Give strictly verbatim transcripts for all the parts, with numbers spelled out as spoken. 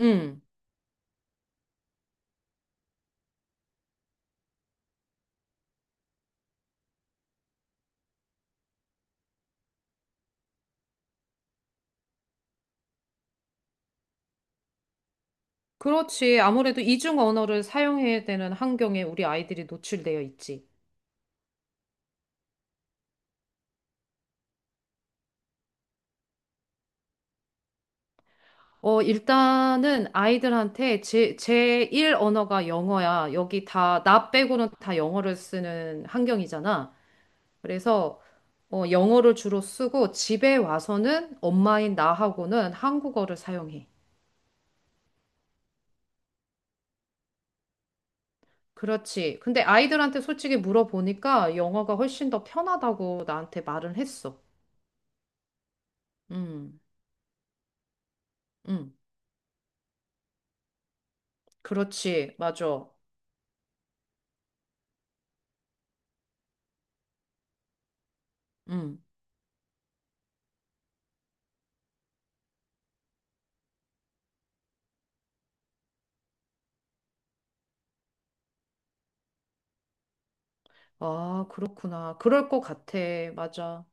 음, 그렇지. 아무래도 이중 언어를 사용해야 되는 환경에 우리 아이들이 노출되어 있지. 어, 일단은 아이들한테 제, 제일 언어가 영어야. 여기 다, 나 빼고는 다 영어를 쓰는 환경이잖아. 그래서 어, 영어를 주로 쓰고 집에 와서는 엄마인 나하고는 한국어를 사용해. 그렇지. 근데 아이들한테 솔직히 물어보니까 영어가 훨씬 더 편하다고 나한테 말을 했어. 음, 음, 그렇지. 맞아. 음. 아, 그렇구나. 그럴 것 같아. 맞아.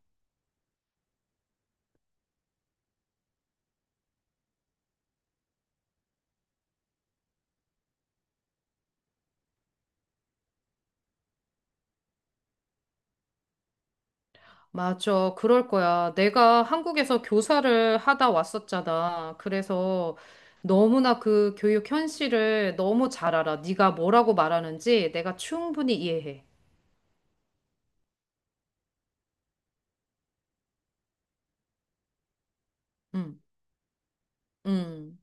맞아. 그럴 거야. 내가 한국에서 교사를 하다 왔었잖아. 그래서 너무나 그 교육 현실을 너무 잘 알아. 네가 뭐라고 말하는지 내가 충분히 이해해. 응, 응,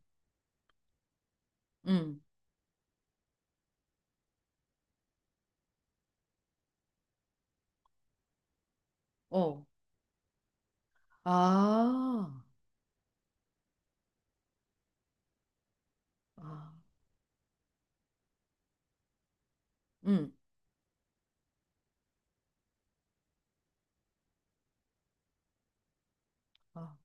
응. 어. 아, 아, 응. 아,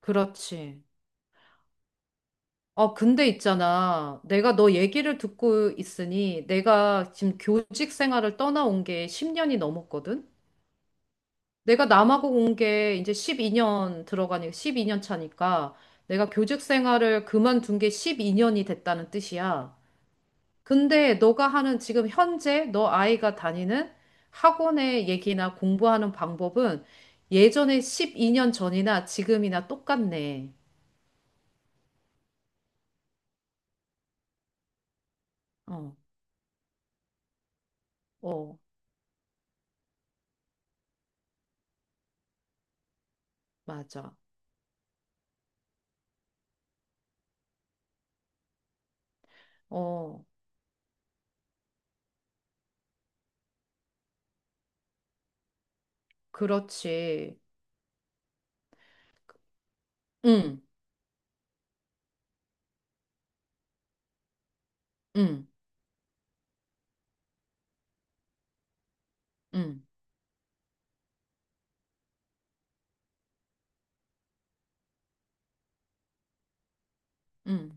그렇지. 어, 근데 있잖아. 내가 너 얘기를 듣고 있으니 내가 지금 교직 생활을 떠나온 게 십 년이 넘었거든? 내가 남하고 온 게 이제 십이 년 들어가니까 십이 년 차니까 내가 교직 생활을 그만둔 게 십이 년이 됐다는 뜻이야. 근데 너가 하는 지금 현재 너 아이가 다니는 학원의 얘기나 공부하는 방법은 예전에 십이 년 전이나 지금이나 똑같네. 어, 어, 맞아. 어, 그렇지. 응, 응, 응, 응.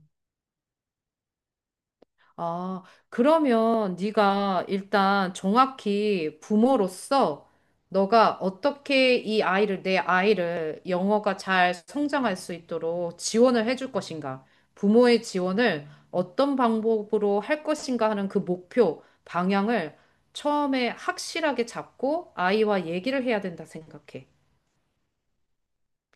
아, 그러면 네가 일단 정확히 부모로서 너가 어떻게 이 아이를, 내 아이를 영어가 잘 성장할 수 있도록 지원을 해줄 것인가? 부모의 지원을 어떤 방법으로 할 것인가 하는 그 목표, 방향을 처음에 확실하게 잡고 아이와 얘기를 해야 된다 생각해.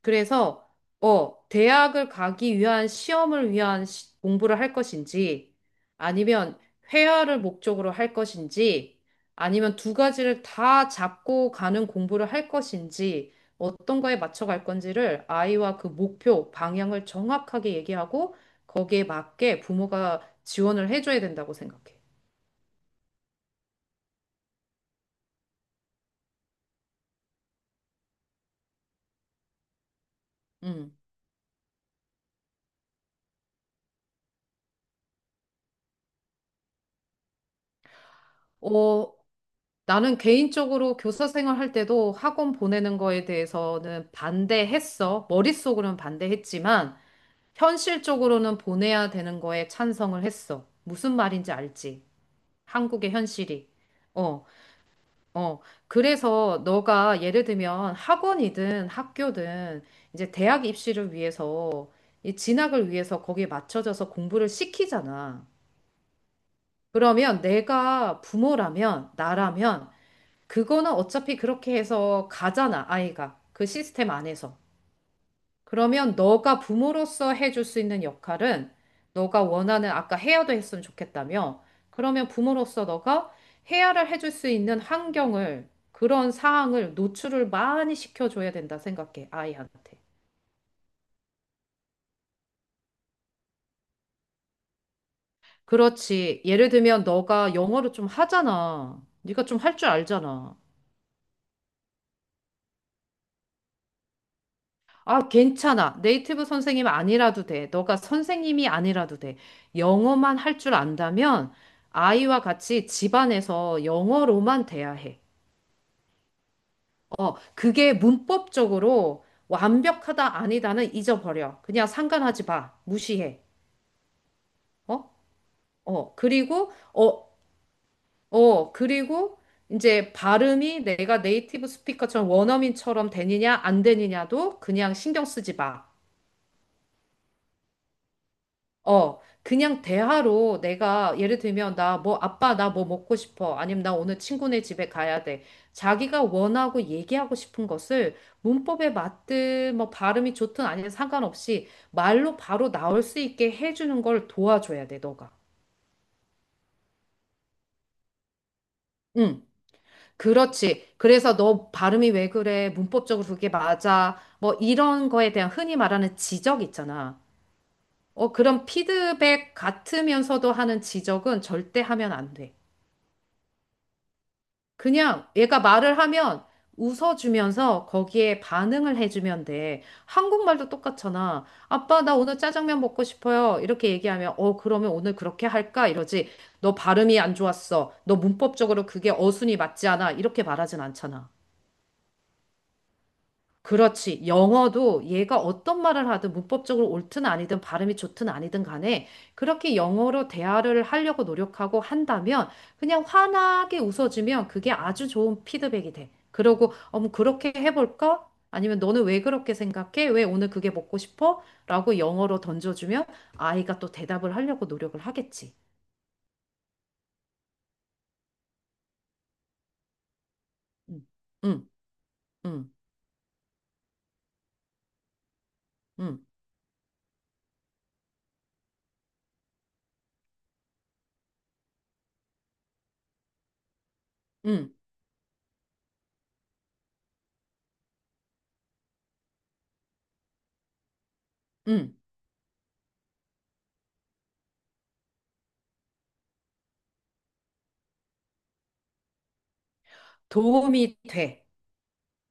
그래서, 어, 대학을 가기 위한 시험을 위한 시- 공부를 할 것인지, 아니면 회화를 목적으로 할 것인지, 아니면 두 가지를 다 잡고 가는 공부를 할 것인지, 어떤 거에 맞춰 갈 건지를 아이와 그 목표, 방향을 정확하게 얘기하고, 거기에 맞게 부모가 지원을 해줘야 된다고 생각해. 음. 어, 나는 개인적으로 교사 생활할 때도 학원 보내는 거에 대해서는 반대했어. 머릿속으로는 반대했지만 현실적으로는 보내야 되는 거에 찬성을 했어. 무슨 말인지 알지? 한국의 현실이. 어, 어. 그래서 너가 예를 들면 학원이든 학교든 이제 대학 입시를 위해서 이 진학을 위해서 거기에 맞춰져서 공부를 시키잖아. 그러면 내가 부모라면 나라면 그거는 어차피 그렇게 해서 가잖아, 아이가. 그 시스템 안에서. 그러면 너가 부모로서 해줄 수 있는 역할은 너가 원하는, 아까 해야도 했으면 좋겠다며. 그러면 부모로서 너가 해야를 해줄 수 있는 환경을, 그런 상황을 노출을 많이 시켜줘야 된다 생각해, 아이한테. 그렇지. 예를 들면 너가 영어를 좀 하잖아. 네가 좀 할 줄 알잖아. 아, 괜찮아. 네이티브 선생님 아니라도 돼. 너가 선생님이 아니라도 돼. 영어만 할 줄 안다면 아이와 같이 집안에서 영어로만 돼야 해. 어, 그게 문법적으로 완벽하다 아니다는 잊어버려. 그냥 상관하지 마. 무시해. 어? 어, 그리고 어, 어, 그리고 이제 발음이 내가 네이티브 스피커처럼 원어민처럼 되느냐 안 되느냐도 그냥 신경 쓰지 마. 어, 그냥 대화로 내가 예를 들면 나 뭐 아빠 나 뭐 먹고 싶어. 아니면 나 오늘 친구네 집에 가야 돼. 자기가 원하고 얘기하고 싶은 것을 문법에 맞든 뭐 발음이 좋든 아니든 상관없이 말로 바로 나올 수 있게 해주는 걸 도와줘야 돼, 너가. 응, 그렇지. 그래서 너 발음이 왜 그래? 문법적으로 그게 맞아? 뭐 이런 거에 대한 흔히 말하는 지적 있잖아. 어, 그런 피드백 같으면서도 하는 지적은 절대 하면 안 돼. 그냥 얘가 말을 하면 웃어주면서 거기에 반응을 해주면 돼. 한국말도 똑같잖아. 아빠, 나 오늘 짜장면 먹고 싶어요. 이렇게 얘기하면, 어, 그러면 오늘 그렇게 할까? 이러지. 너 발음이 안 좋았어. 너 문법적으로 그게 어순이 맞지 않아. 이렇게 말하진 않잖아. 그렇지. 영어도 얘가 어떤 말을 하든 문법적으로 옳든 아니든 발음이 좋든 아니든 간에 그렇게 영어로 대화를 하려고 노력하고 한다면 그냥 환하게 웃어주면 그게 아주 좋은 피드백이 돼. 그러고, 어머, 그렇게 해볼까? 아니면 너는 왜 그렇게 생각해? 왜 오늘 그게 먹고 싶어? 라고 영어로 던져주면 아이가 또 대답을 하려고 노력을 하겠지. 응, 응, 응, 응, 응, 응. 도움이 돼.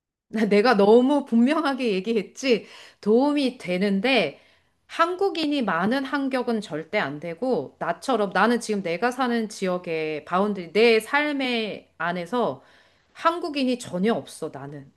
나- 내가 너무 분명하게 얘기했지. 도움이 되는데 한국인이 많은 환경은 절대 안 되고 나처럼 나는 지금 내가 사는 지역의 바운드리 내 삶의 안에서 한국인이 전혀 없어 나는.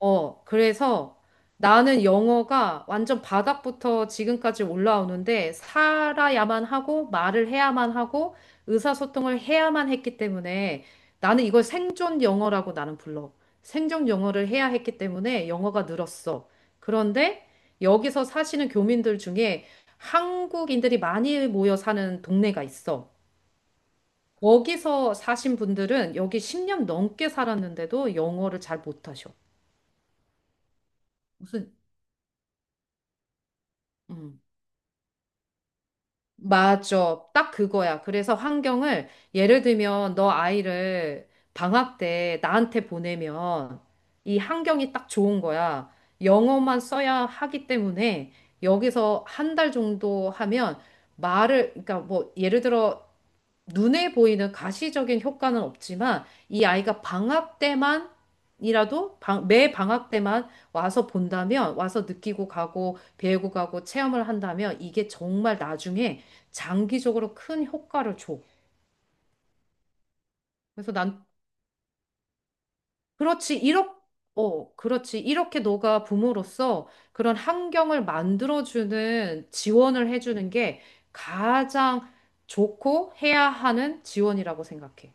어, 그래서 나는 영어가 완전 바닥부터 지금까지 올라오는데 살아야만 하고 말을 해야만 하고 의사소통을 해야만 했기 때문에 나는 이걸 생존 영어라고 나는 불러. 생존 영어를 해야 했기 때문에 영어가 늘었어. 그런데 여기서 사시는 교민들 중에 한국인들이 많이 모여 사는 동네가 있어. 거기서 사신 분들은 여기 십 년 넘게 살았는데도 영어를 잘 못하셔. 무슨 음. 맞아. 딱 그거야. 그래서 환경을 예를 들면 너 아이를 방학 때 나한테 보내면 이 환경이 딱 좋은 거야. 영어만 써야 하기 때문에 여기서 한 달 정도 하면 말을, 그러니까 뭐 예를 들어 눈에 보이는 가시적인 효과는 없지만 이 아이가 방학 때만 이라도 방- 매 방학 때만 와서 본다면 와서 느끼고 가고 배우고 가고 체험을 한다면 이게 정말 나중에 장기적으로 큰 효과를 줘. 그래서 난 그렇지 이렇게 어 그렇지 이렇게 너가 부모로서 그런 환경을 만들어주는 지원을 해주는 게 가장 좋고 해야 하는 지원이라고 생각해.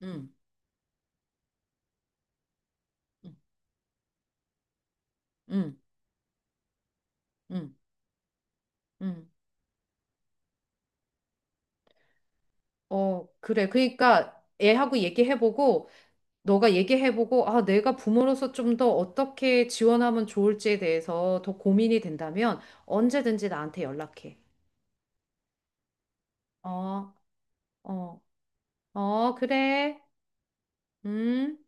응응응응 음. 어, 그래. 그러니까 애하고 얘기해보고, 너가 얘기해보고, 아, 내가 부모로서 좀 더 어떻게 지원하면 좋을지에 대해서 더 고민이 된다면 언제든지 나한테 연락해. 어, 어, 어, 그래. 음.